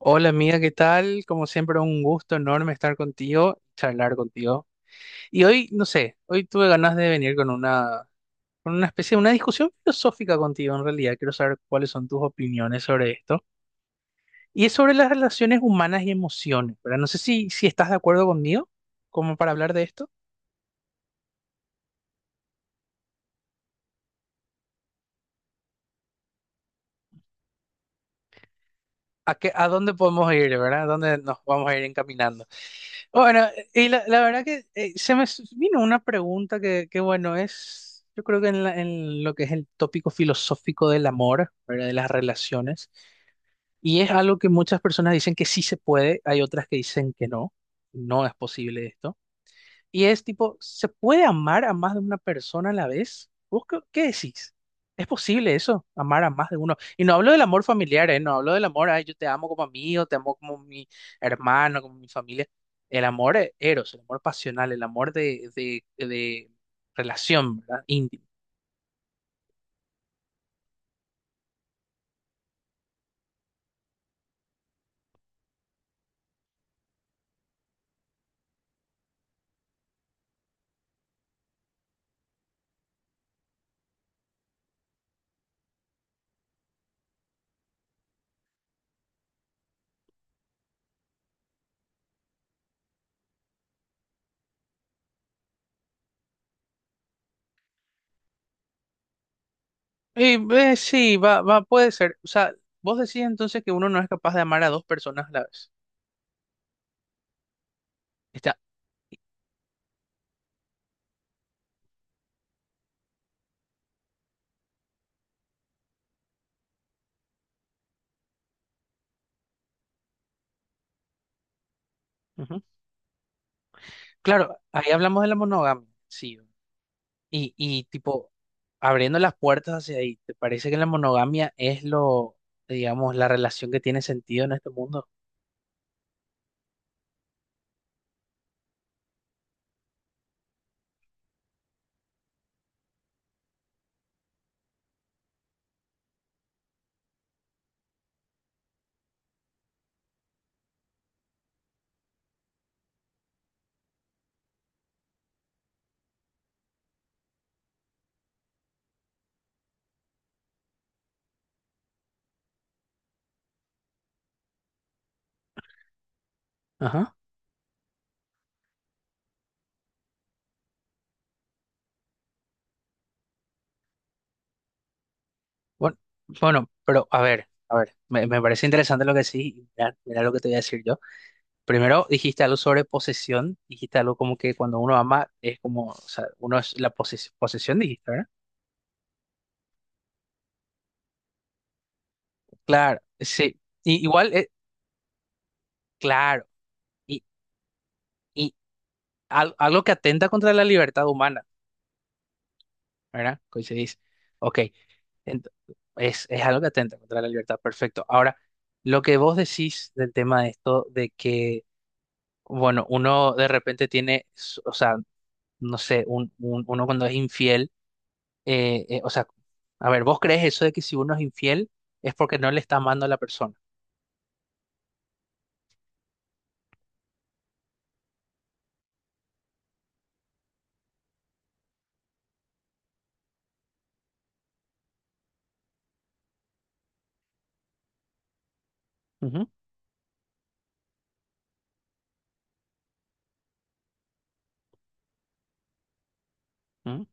Hola amiga, ¿qué tal? Como siempre, un gusto enorme estar contigo, charlar contigo. Y hoy, no sé, hoy tuve ganas de venir con una especie de una discusión filosófica contigo en realidad. Quiero saber cuáles son tus opiniones sobre esto. Y es sobre las relaciones humanas y emociones, ¿verdad? No sé si estás de acuerdo conmigo, como para hablar de esto. ¿A qué, a dónde podemos ir, ¿verdad? ¿A dónde nos vamos a ir encaminando? Bueno, y la verdad que se me vino una pregunta bueno, es, yo creo que en, en lo que es el tópico filosófico del amor, ¿verdad? De las relaciones, y es algo que muchas personas dicen que sí se puede, hay otras que dicen que no, no es posible esto. Y es tipo, ¿se puede amar a más de una persona a la vez? ¿Vos qué decís? ¿Es posible eso? Amar a más de uno. Y no hablo del amor familiar, ¿eh? No hablo del amor, ay, yo te amo como amigo, te amo como mi hermano, como mi familia. El amor eros, el amor pasional, el amor de relación, ¿verdad? Íntimo. Y, sí, va, puede ser. O sea, vos decís entonces que uno no es capaz de amar a dos personas a la vez. Está, ujú. Claro, ahí hablamos de la monogamia, sí. Y tipo, abriendo las puertas hacia ahí, ¿te parece que la monogamia es lo, digamos, la relación que tiene sentido en este mundo? Ajá. Bueno, bueno, pero a ver, me parece interesante lo que decís, y mira, mira lo que te voy a decir yo. Primero dijiste algo sobre posesión, dijiste algo como que cuando uno ama es como, o sea, uno es la posesión, dijiste, ¿verdad? Claro, sí, y, igual, claro, y, y algo que atenta contra la libertad humana, ¿verdad? Coincidís. Ok, ent- es algo que atenta contra la libertad, perfecto. Ahora, lo que vos decís del tema de esto, de que... Bueno, uno de repente tiene, o sea, no sé, un, uno cuando es infiel, o sea, a ver, ¿vos crees eso de que si uno es infiel es porque no le está amando a la persona? Ujú, ujú.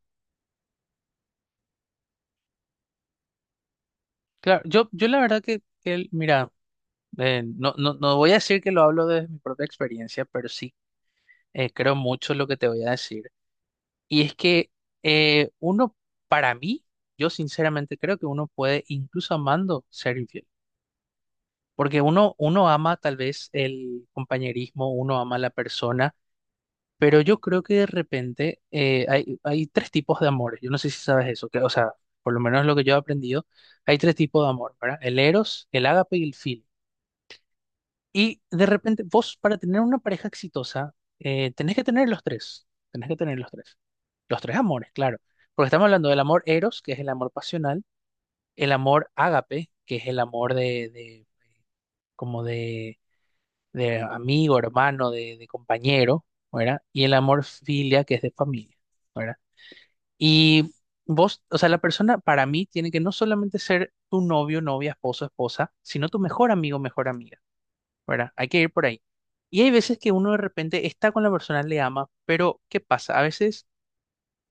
Claro, yo la verdad mira, no, no, no voy a decir que lo hablo desde mi propia experiencia, pero sí creo mucho lo que te voy a decir. Y es que uno, para mí, yo sinceramente creo que uno puede, incluso amando, ser infiel. Porque uno, uno ama tal vez el compañerismo, uno ama a la persona, pero yo creo que de repente hay, hay tres tipos de amores. Yo no sé si sabes eso, que, o sea, por lo menos lo que yo he aprendido, hay tres tipos de amor, ¿verdad? El eros, el ágape y el filia. Y de repente vos para tener una pareja exitosa, tenés que tener los tres, tenés que tener los tres amores, claro, porque estamos hablando del amor eros, que es el amor pasional, el amor ágape, que es el amor de como de amigo, hermano, de compañero, ¿verdad? Y el amor filia, que es de familia, ¿verdad? Y vos, o sea, la persona para mí tiene que no solamente ser tu novio, novia, esposo, esposa, sino tu mejor amigo, mejor amiga. ¿Verdad? Hay que ir por ahí. Y hay veces que uno de repente está con la persona, le ama, pero ¿qué pasa? A veces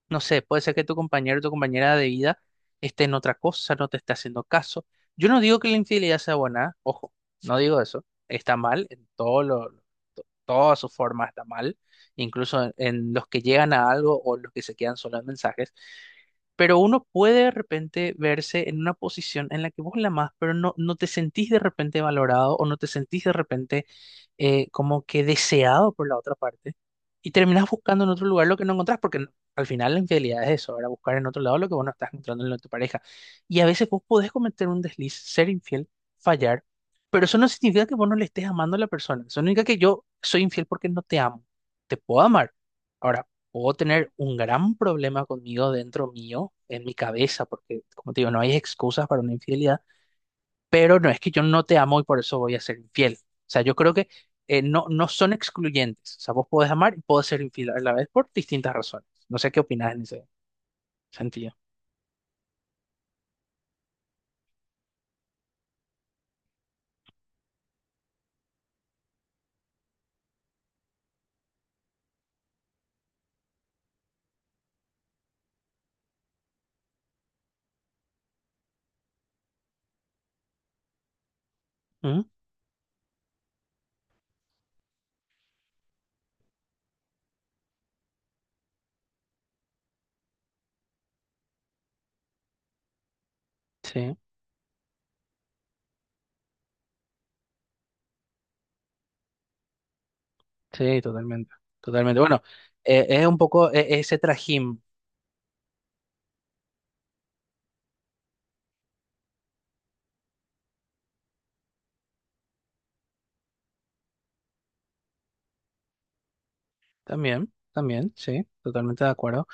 no sé, puede ser que tu compañero o tu compañera de vida esté en otra cosa, no te esté haciendo caso. Yo no digo que la infidelidad sea buena, ojo, no digo eso. Está mal, en todo lo, todas sus formas está mal, incluso en los que llegan a algo o los que se quedan solo en mensajes. Pero uno puede de repente verse en una posición en la que vos la amás, pero no, no te sentís de repente valorado o no te sentís de repente como que deseado por la otra parte. Y terminás buscando en otro lugar lo que no encontrás, porque al final la infidelidad es eso, ahora buscar en otro lado lo que vos no estás encontrando en tu pareja. Y a veces vos podés cometer un desliz, ser infiel, fallar, pero eso no significa que vos no le estés amando a la persona. Eso no significa que yo soy infiel porque no te amo. Te puedo amar. Ahora, puedo tener un gran problema conmigo dentro mío, en mi cabeza, porque como te digo, no hay excusas para una infidelidad pero no es que yo no te amo y por eso voy a ser infiel. O sea, yo creo que no, no son excluyentes. O sea, vos podés amar y podés ser infiel a la vez por distintas razones. No sé qué opinás en ese sentido. ¿Mm? Sí, sí, totalmente. Totalmente. Bueno, es un poco ese trajín. También, también, sí, totalmente de acuerdo.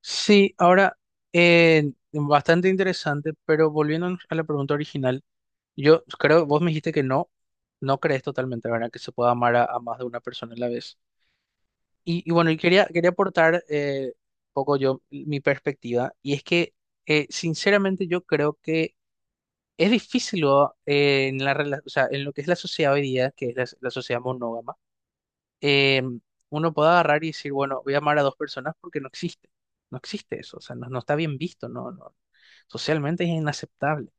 Sí, ahora, bastante interesante, pero volviendo a la pregunta original, yo creo, vos me dijiste que no, no crees totalmente, ¿verdad? Que se pueda amar a más de una persona a la vez. Y bueno, y quería aportar un poco yo mi perspectiva, y es que sinceramente yo creo que es difícil o, en la, o sea, en lo que es la sociedad hoy día, que es la sociedad monógama, eh, uno puede agarrar y decir, bueno, voy a amar a dos personas porque no existe, no existe eso, o sea, no, no está bien visto, no, no, socialmente es inaceptable.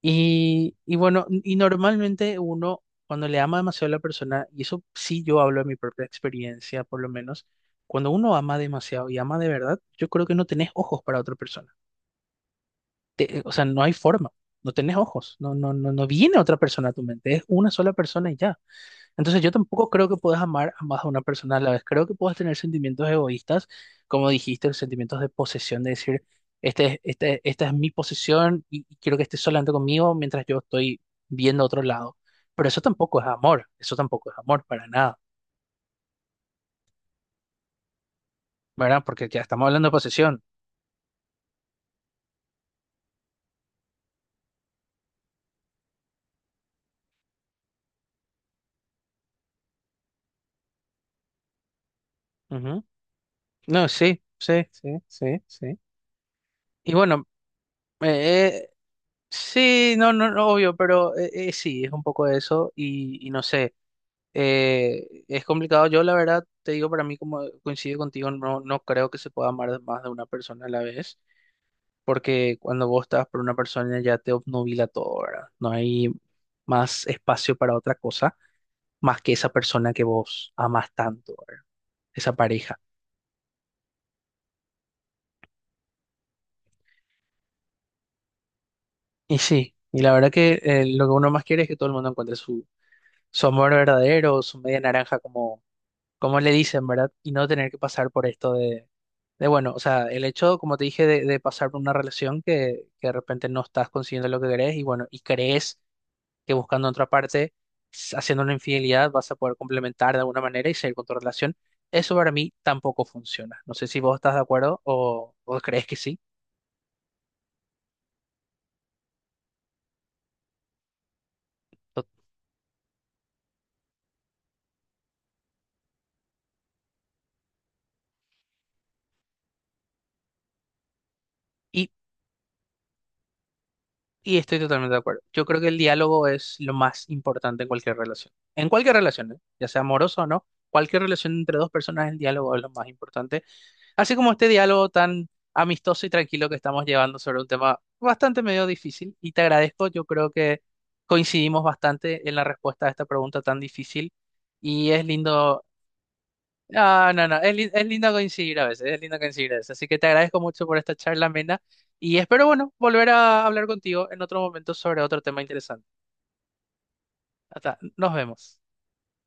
Y bueno, y normalmente uno, cuando le ama demasiado a la persona, y eso sí yo hablo de mi propia experiencia, por lo menos, cuando uno ama demasiado y ama de verdad, yo creo que no tenés ojos para otra persona. O sea, no hay forma, no tenés ojos, no, no, no, no viene otra persona a tu mente, es una sola persona y ya. Entonces yo tampoco creo que puedas amar a más a una persona a la vez. Creo que puedas tener sentimientos egoístas, como dijiste, los sentimientos de posesión, de decir, este, este, esta es mi posesión y quiero que estés solamente conmigo mientras yo estoy viendo otro lado. Pero eso tampoco es amor, eso tampoco es amor para nada, ¿verdad? Porque ya estamos hablando de posesión. Ujú. No, sí, sí, sí, sí, sí. Y bueno, eh, eh, sí, no, no, no, obvio, pero sí, es un poco eso y no sé. Es complicado. Yo, la verdad, te digo, para mí, como coincido contigo, no, no creo que se pueda amar más de una persona a la vez, porque cuando vos estás por una persona ya te obnubila todo, ¿verdad? No hay más espacio para otra cosa más que esa persona que vos amas tanto, ¿verdad? Esa pareja. Y sí, y la verdad que lo que uno más quiere es que todo el mundo encuentre su, su amor verdadero, su media naranja, como le dicen, ¿verdad? Y no tener que pasar por esto de bueno, o sea, el hecho, como te dije, de pasar por una relación que de repente no estás consiguiendo lo que querés y bueno, y crees que buscando en otra parte, haciendo una infidelidad, vas a poder complementar de alguna manera y seguir con tu relación. Eso para mí tampoco funciona. No sé si vos estás de acuerdo o crees que sí. To- Y, y estoy totalmente de acuerdo. Yo creo que el diálogo es lo más importante en cualquier relación. En cualquier relación, ¿eh? Ya sea amorosa o no, cualquier relación entre dos personas, el diálogo es lo más importante. Así como este diálogo tan amistoso y tranquilo que estamos llevando sobre un tema bastante medio difícil, y te agradezco, yo creo que coincidimos bastante en la respuesta a esta pregunta tan difícil, y es lindo, ah, no, no, es, es lindo coincidir a veces, es lindo coincidir a veces, así que te agradezco mucho por esta charla amena, y espero, bueno, volver a hablar contigo en otro momento sobre otro tema interesante. Hasta, nos vemos.